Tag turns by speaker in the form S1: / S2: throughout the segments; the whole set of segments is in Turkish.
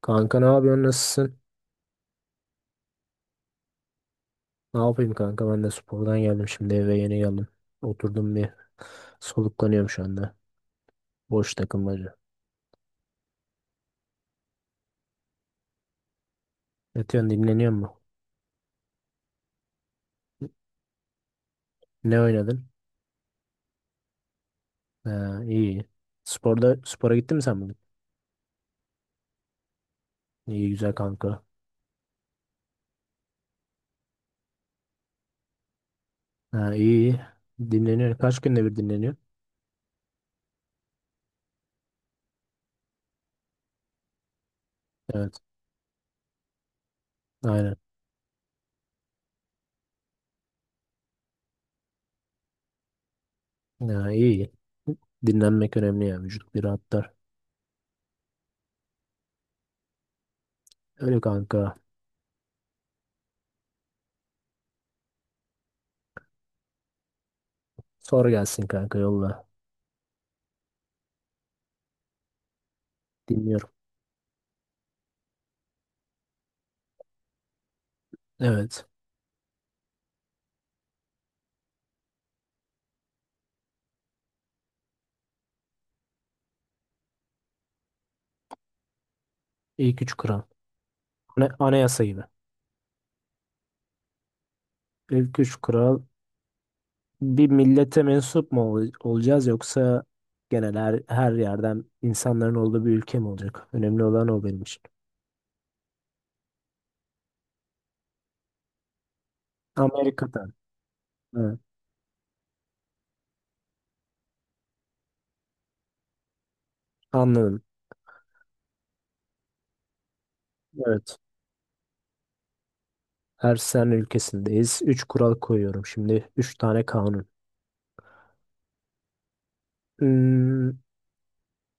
S1: Kanka ne yapıyorsun? Nasılsın? Ne yapayım kanka? Ben de spordan geldim şimdi eve yeni geldim. Oturdum bir soluklanıyorum şu anda. Boş takılmaca. Yatıyorsun dinleniyor mu? Ne oynadın? Ha, iyi. Sporda spora gittin mi sen bugün? İyi güzel kanka. Ha, iyi. Dinleniyor. Kaç günde bir dinleniyor? Evet. Aynen. Ha, iyi. Dinlenmek önemli ya. Vücut bir rahatlar. Öyle kanka. Sor gelsin kanka yolla. Dinliyorum. Evet. İlk üç kral. Anayasa gibi. İlk üç kural bir millete mensup mu olacağız yoksa genel her yerden insanların olduğu bir ülke mi olacak? Önemli olan o benim için. Amerika'dan. Evet. Anladım. Evet. Her sen ülkesindeyiz. Üç kural koyuyorum şimdi. Üç tane kanun. Hmm,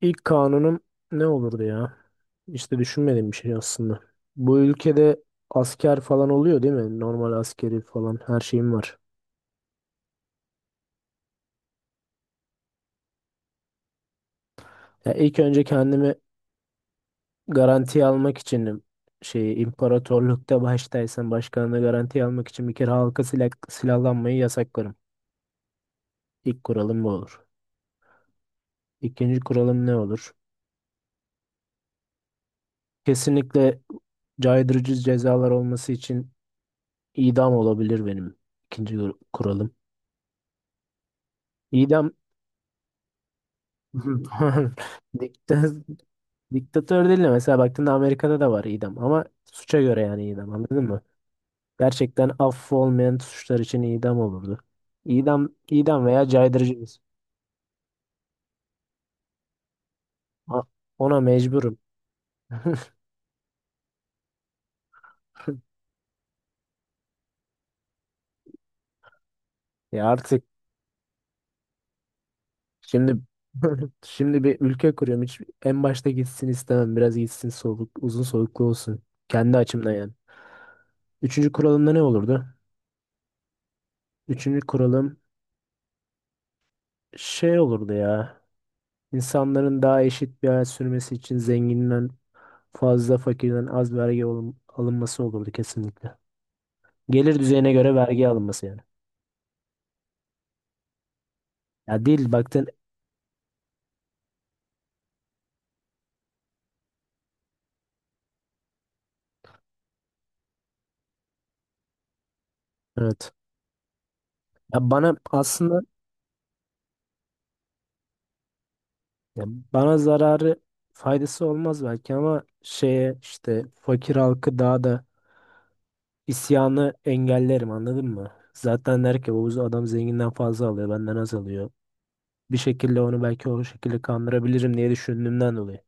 S1: ilk kanunum ne olurdu ya? İşte düşünmediğim bir şey aslında. Bu ülkede asker falan oluyor değil mi? Normal askeri falan her şeyim var. Ya ilk önce kendimi garanti almak için şey imparatorlukta baştaysan başkanına garanti almak için bir kere halka silahlanmayı yasaklarım. İlk kuralım bu olur. İkinci kuralım ne olur? Kesinlikle caydırıcı cezalar olması için idam olabilir benim ikinci kuralım. İdam. Dikta- diktatör değil de mesela baktığında Amerika'da da var idam ama suça göre yani idam, anladın mı? Gerçekten affı olmayan suçlar için idam olurdu. İdam, idam veya caydırıcı. Ha, ona mecburum. Ya artık şimdi, şimdi bir ülke kuruyorum. Hiç en başta gitsin istemem. Biraz gitsin soluk, uzun soluklu olsun. Kendi açımdan yani. Üçüncü kuralımda ne olurdu? Üçüncü kuralım şey olurdu ya. İnsanların daha eşit bir hayat sürmesi için zenginden fazla, fakirden az vergi alınması olurdu kesinlikle. Gelir düzeyine göre vergi alınması yani. Ya değil baktın, evet. Ya bana aslında, ya bana zararı faydası olmaz belki ama şeye işte fakir halkı daha da isyanı engellerim, anladın mı? Zaten der ki bu adam zenginden fazla alıyor, benden az alıyor. Bir şekilde onu belki o şekilde kandırabilirim diye düşündüğümden dolayı.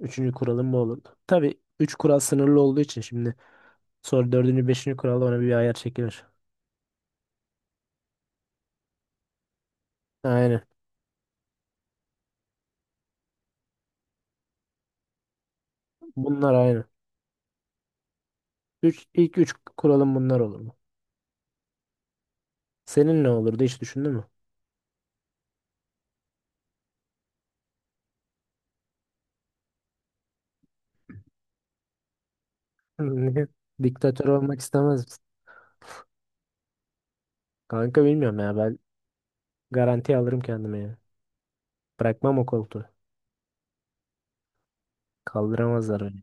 S1: Üçüncü kuralım bu olur. Tabii üç kural sınırlı olduğu için şimdi sonra dördüncü beşinci kuralda ona bir ayar çekilir. Aynen. Bunlar aynı. Üç, ilk üç kuralım bunlar olur mu? Senin ne olurdu, hiç düşündün mü? Diktatör olmak istemez. Kanka bilmiyorum ya, ben garanti alırım kendime ya. Bırakmam o koltuğu. Kaldıramazlar beni.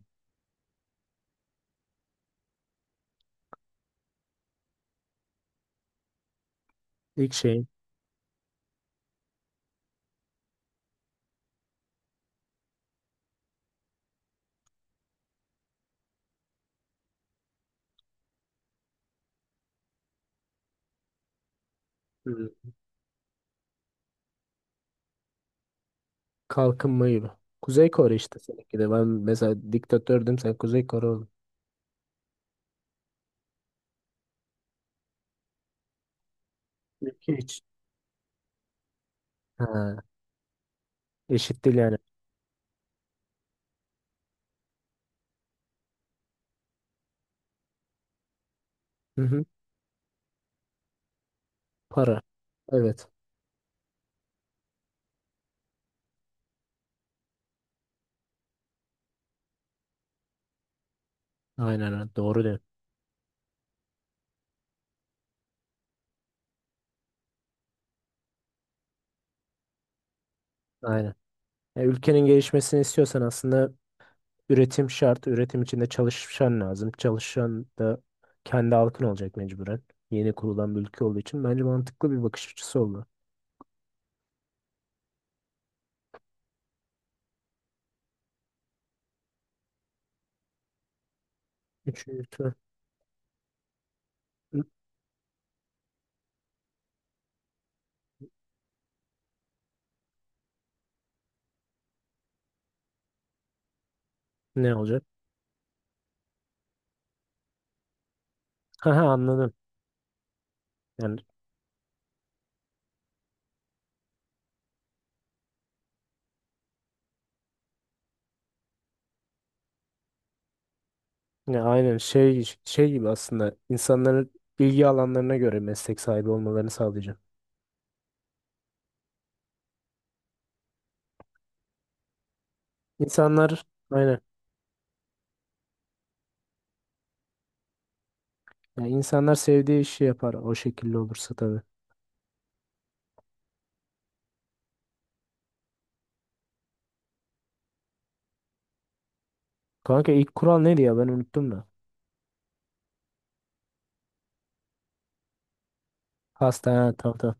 S1: İlk şeyim hı, kalkınma gibi. Kuzey Kore işte seninki de. Ben mesela diktatördüm, sen Kuzey Kore oldun. Ülke hiç. Ha, eşit değil yani. Hı hı. Para. Evet. Aynen öyle. Doğru diyorsun. Aynen. Ya ülkenin gelişmesini istiyorsan aslında üretim şart. Üretim içinde çalışan lazım. Çalışan da kendi halkın olacak mecburen. Yeni kurulan bir ülke olduğu için bence mantıklı bir bakış açısı oldu. Üçüncü. Ne olacak? Haha, anladım. Yani ne aynen şey gibi aslında insanların bilgi alanlarına göre meslek sahibi olmalarını sağlayacağım. İnsanlar aynen. Yani insanlar sevdiği işi yapar, o şekilde olursa tabii. Kanka ilk kural neydi ya, ben unuttum da. Hasta, ha tamam tamam.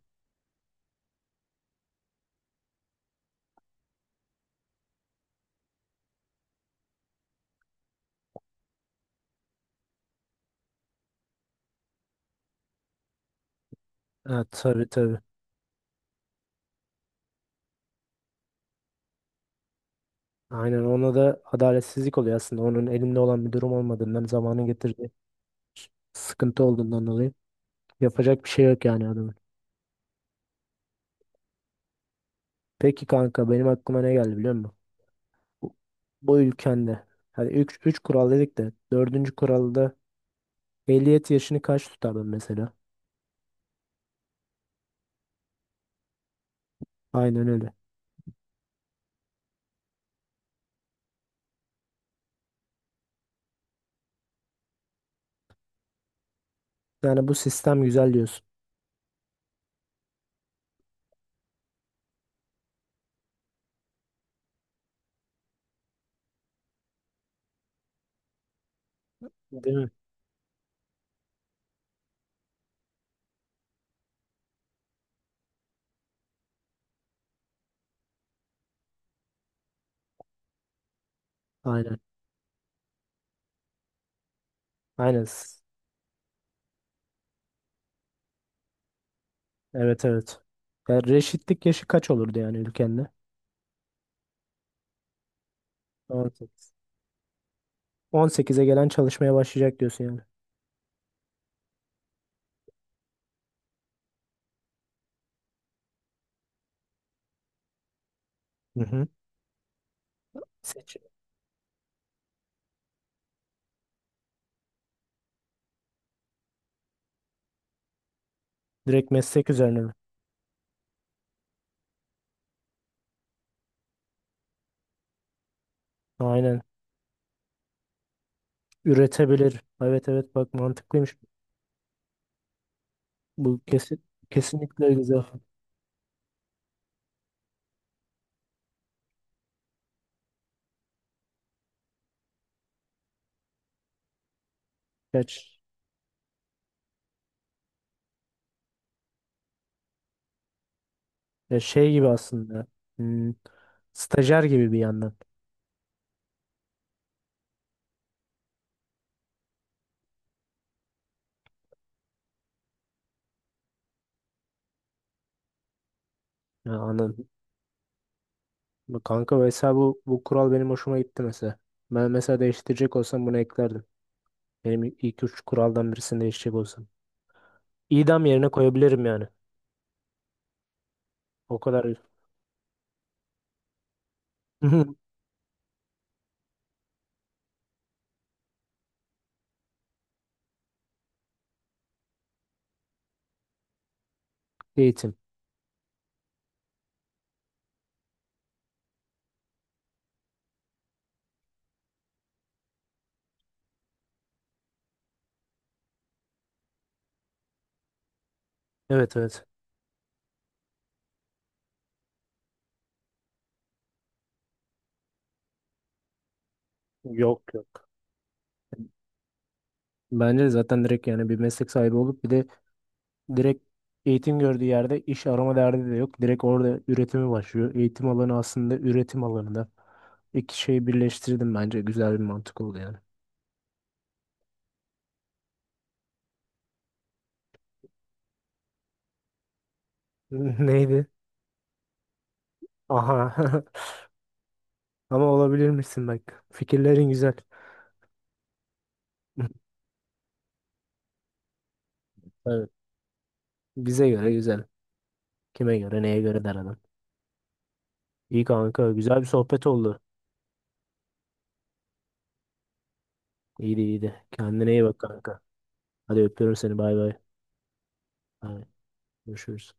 S1: Ha, tabii tabii. Aynen, ona da adaletsizlik oluyor aslında. Onun elinde olan bir durum olmadığından, zamanın getirdiği sıkıntı olduğundan dolayı yapacak bir şey yok yani adamın. Peki kanka, benim aklıma ne geldi biliyor musun? bu bu ülkende, hani üç kural dedik de dördüncü kuralda, ehliyet yaşını kaç tutardın mesela? Aynen öyle. Yani bu sistem güzel diyorsun. Değil mi? Aynen. Aynen. Evet evet. Yani reşitlik yaşı kaç olurdu yani ülkende? 18. 18'e gelen çalışmaya başlayacak diyorsun yani. Hı hı. Seç. Direkt meslek üzerine mi? Aynen. Üretebilir. Evet evet, bak mantıklıymış. Bu kesin, kesinlikle güzel. Kaç? Ya şey gibi aslında. hmm, Stajyer gibi bir yandan. Ya, anladım. Bu kanka mesela, bu kural benim hoşuma gitti mesela. Ben mesela değiştirecek olsam bunu eklerdim. Benim ilk üç kuraldan birisini değiştirecek olsam. İdam yerine koyabilirim yani. O kadar. Eğitim. Evet evet. Yok yok. Bence zaten direkt yani bir meslek sahibi olup bir de direkt eğitim gördüğü yerde iş arama derdi de yok. Direkt orada üretimi başlıyor. Eğitim alanı aslında üretim alanında. İki şeyi birleştirdim bence. Güzel bir mantık oldu yani. Neydi? Aha. Ama olabilir misin bak. Fikirlerin güzel. Evet. Bize göre güzel. Kime göre neye göre der adam. İyi kanka. Güzel bir sohbet oldu. İyiydi iyiydi. Kendine iyi bak kanka. Hadi öpüyorum seni. Bay bay. Bay. Görüşürüz.